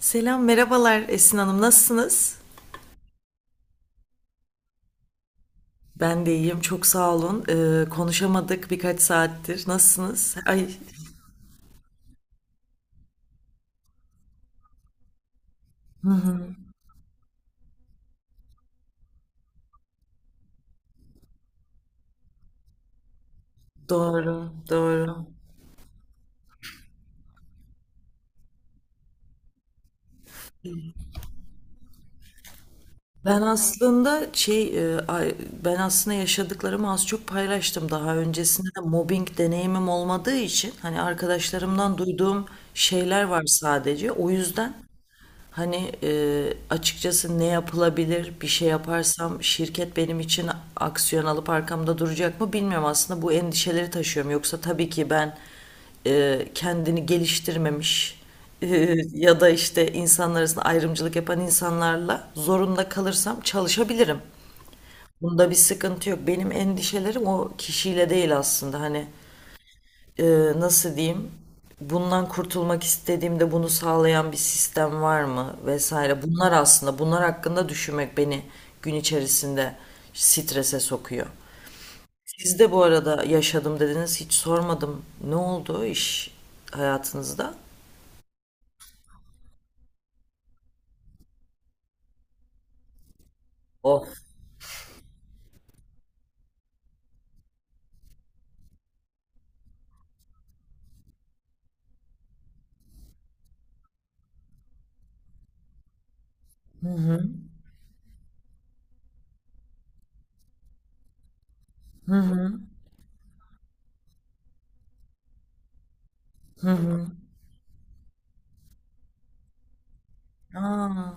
Selam, merhabalar Esin Hanım. Nasılsınız? Ben de iyiyim, çok sağ olun. Konuşamadık birkaç saattir. Nasılsınız? Ay, doğru, doğru. Ben aslında şey, ben aslında yaşadıklarımı az çok paylaştım daha öncesinde de mobbing deneyimim olmadığı için hani arkadaşlarımdan duyduğum şeyler var sadece. O yüzden hani açıkçası ne yapılabilir? Bir şey yaparsam şirket benim için aksiyon alıp arkamda duracak mı bilmiyorum. Aslında bu endişeleri taşıyorum. Yoksa tabii ki ben kendini geliştirmemiş ya da işte insanlar arasında ayrımcılık yapan insanlarla zorunda kalırsam çalışabilirim. Bunda bir sıkıntı yok. Benim endişelerim o kişiyle değil aslında. Hani e, nasıl diyeyim, bundan kurtulmak istediğimde bunu sağlayan bir sistem var mı vesaire, bunlar aslında bunlar hakkında düşünmek beni gün içerisinde strese sokuyor. Siz de bu arada yaşadım dediniz, hiç sormadım, ne oldu iş hayatınızda? Of. Hı hı. Hı hı. Hı hı. Aa.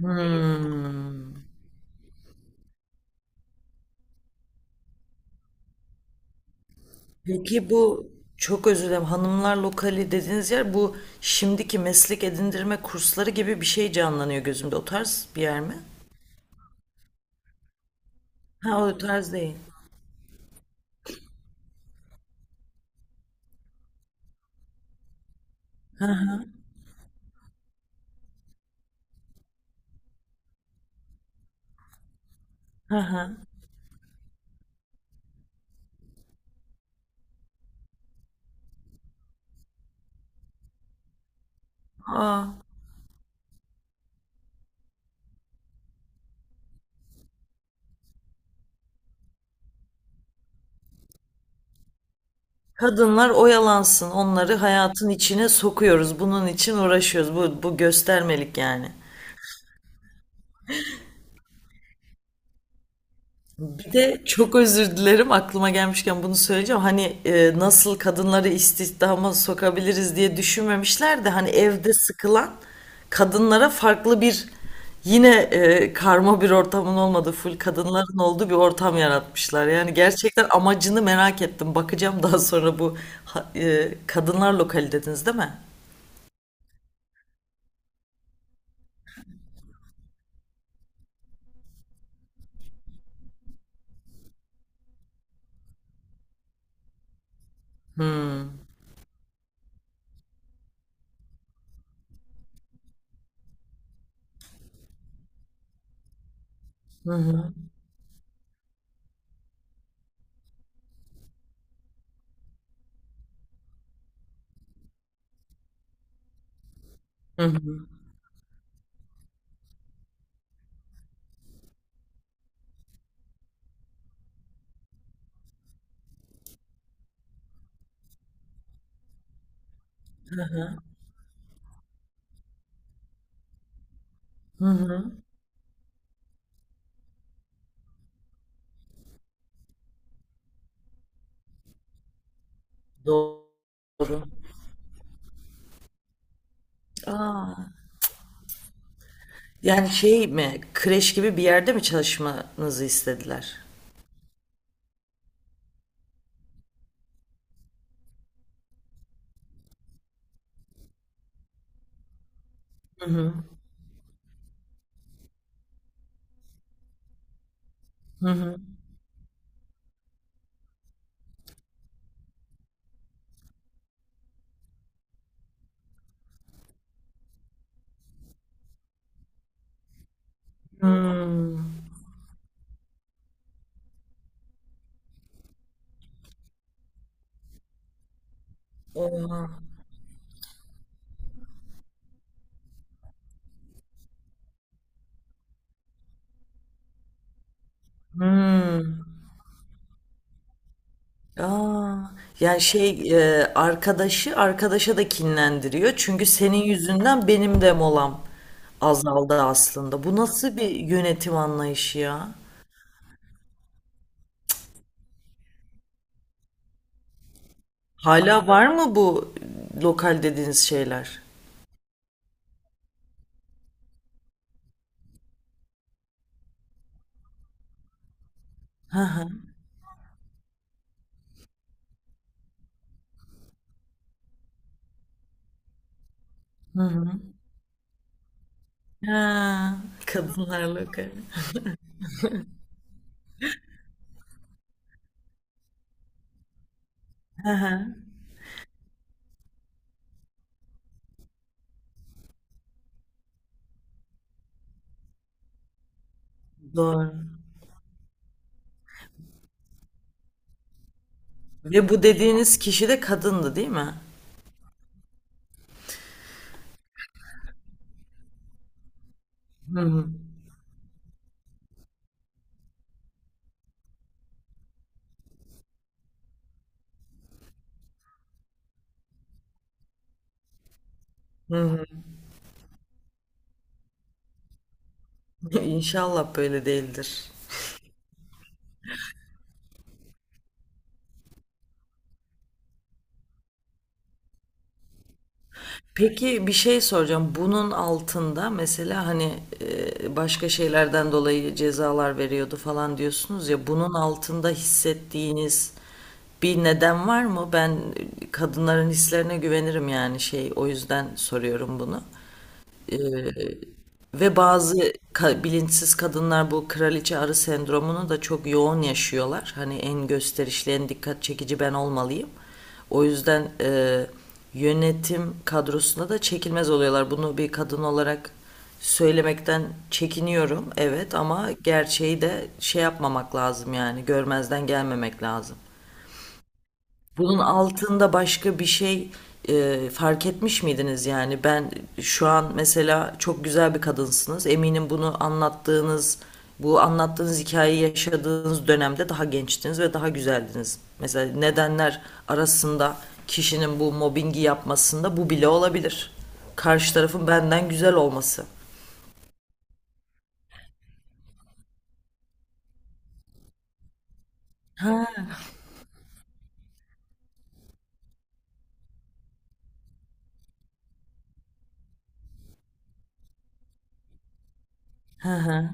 Hmm. Peki bu, çok özür dilerim, hanımlar lokali dediğiniz yer bu şimdiki meslek edindirme kursları gibi bir şey canlanıyor gözümde. O tarz bir yer mi? Ha, o tarz değil. Hı hı. Aa, kadınlar oyalansın, onları hayatın içine sokuyoruz. Bunun için uğraşıyoruz. Bu, bu göstermelik yani. Bir de çok özür dilerim, aklıma gelmişken bunu söyleyeceğim. Hani nasıl kadınları istihdama sokabiliriz diye düşünmemişler de hani evde sıkılan kadınlara farklı bir, yine karma bir ortamın olmadığı full kadınların olduğu bir ortam yaratmışlar. Yani gerçekten amacını merak ettim. Bakacağım daha sonra bu kadınlar lokali dediniz değil mi? Hmm. Hı hı. Doğru. Aa. Yani şey mi, kreş gibi bir yerde mi çalışmanızı istediler? Hmm. Oha. Hmm. Aa, yani şey, arkadaşı arkadaşa da kinlendiriyor. Çünkü senin yüzünden benim de molam azaldı aslında. Bu nasıl bir yönetim anlayışı ya? Hala var mı bu lokal dediğiniz şeyler? Hı hı. Hı hı. Ha, kadınlar lokali. Hı hı. Doğru. Ve bu dediğiniz kişi de kadındı değil mi? Hı hı. Hı hı. Ya İnşallah böyle değildir. Peki bir şey soracağım. Bunun altında mesela hani başka şeylerden dolayı cezalar veriyordu falan diyorsunuz ya, bunun altında hissettiğiniz bir neden var mı? Ben kadınların hislerine güvenirim, yani şey, o yüzden soruyorum bunu. Ee, Ve bazı bilinçsiz kadınlar bu kraliçe arı sendromunu da çok yoğun yaşıyorlar. Hani en gösterişli, en dikkat çekici ben olmalıyım. O yüzden yönetim kadrosuna da çekilmez oluyorlar. Bunu bir kadın olarak söylemekten çekiniyorum, evet, ama gerçeği de şey yapmamak lazım, yani görmezden gelmemek lazım. Bunun altında başka bir şey fark etmiş miydiniz yani? Ben şu an mesela, çok güzel bir kadınsınız. Eminim bunu anlattığınız, bu anlattığınız hikayeyi yaşadığınız dönemde daha gençtiniz ve daha güzeldiniz. Mesela nedenler arasında kişinin bu mobbingi yapmasında bu bile olabilir. Karşı tarafın benden güzel olması. Hı hı.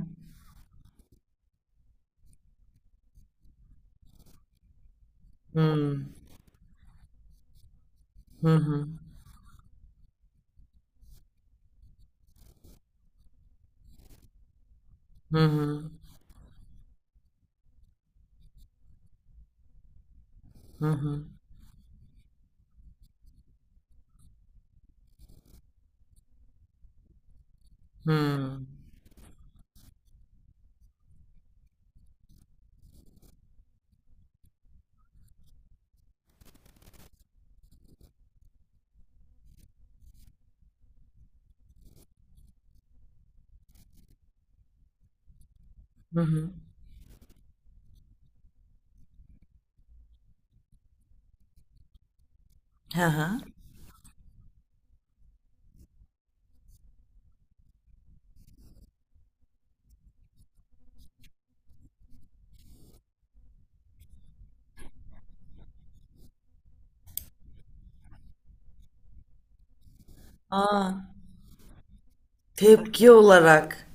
Hmm. Hı hı. Aa, tepki olarak.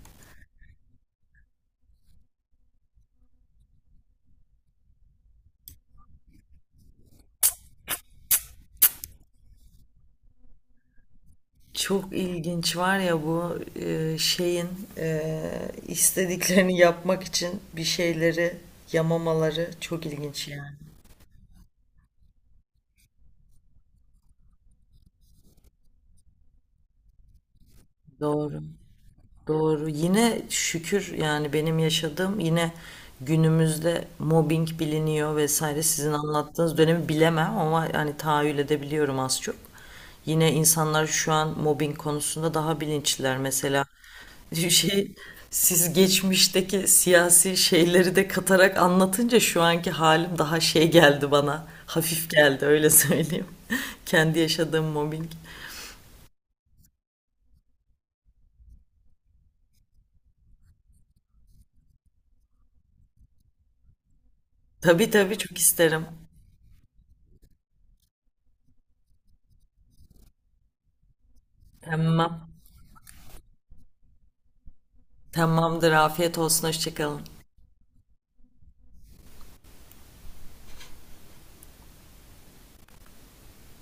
Çok ilginç var ya bu şeyin e, istediklerini yapmak için bir şeyleri yamamaları çok ilginç yani. Doğru. Doğru. Yine şükür yani, benim yaşadığım, yine günümüzde mobbing biliniyor vesaire. Sizin anlattığınız dönemi bilemem ama yani tahayyül edebiliyorum az çok. Yine insanlar şu an mobbing konusunda daha bilinçliler. Mesela şey, siz geçmişteki siyasi şeyleri de katarak anlatınca şu anki halim daha şey geldi bana. Hafif geldi, öyle söyleyeyim. Kendi yaşadığım mobbing. Tabii tabii, çok isterim. Tamam. Tamamdır. Afiyet olsun. Hoşçakalın.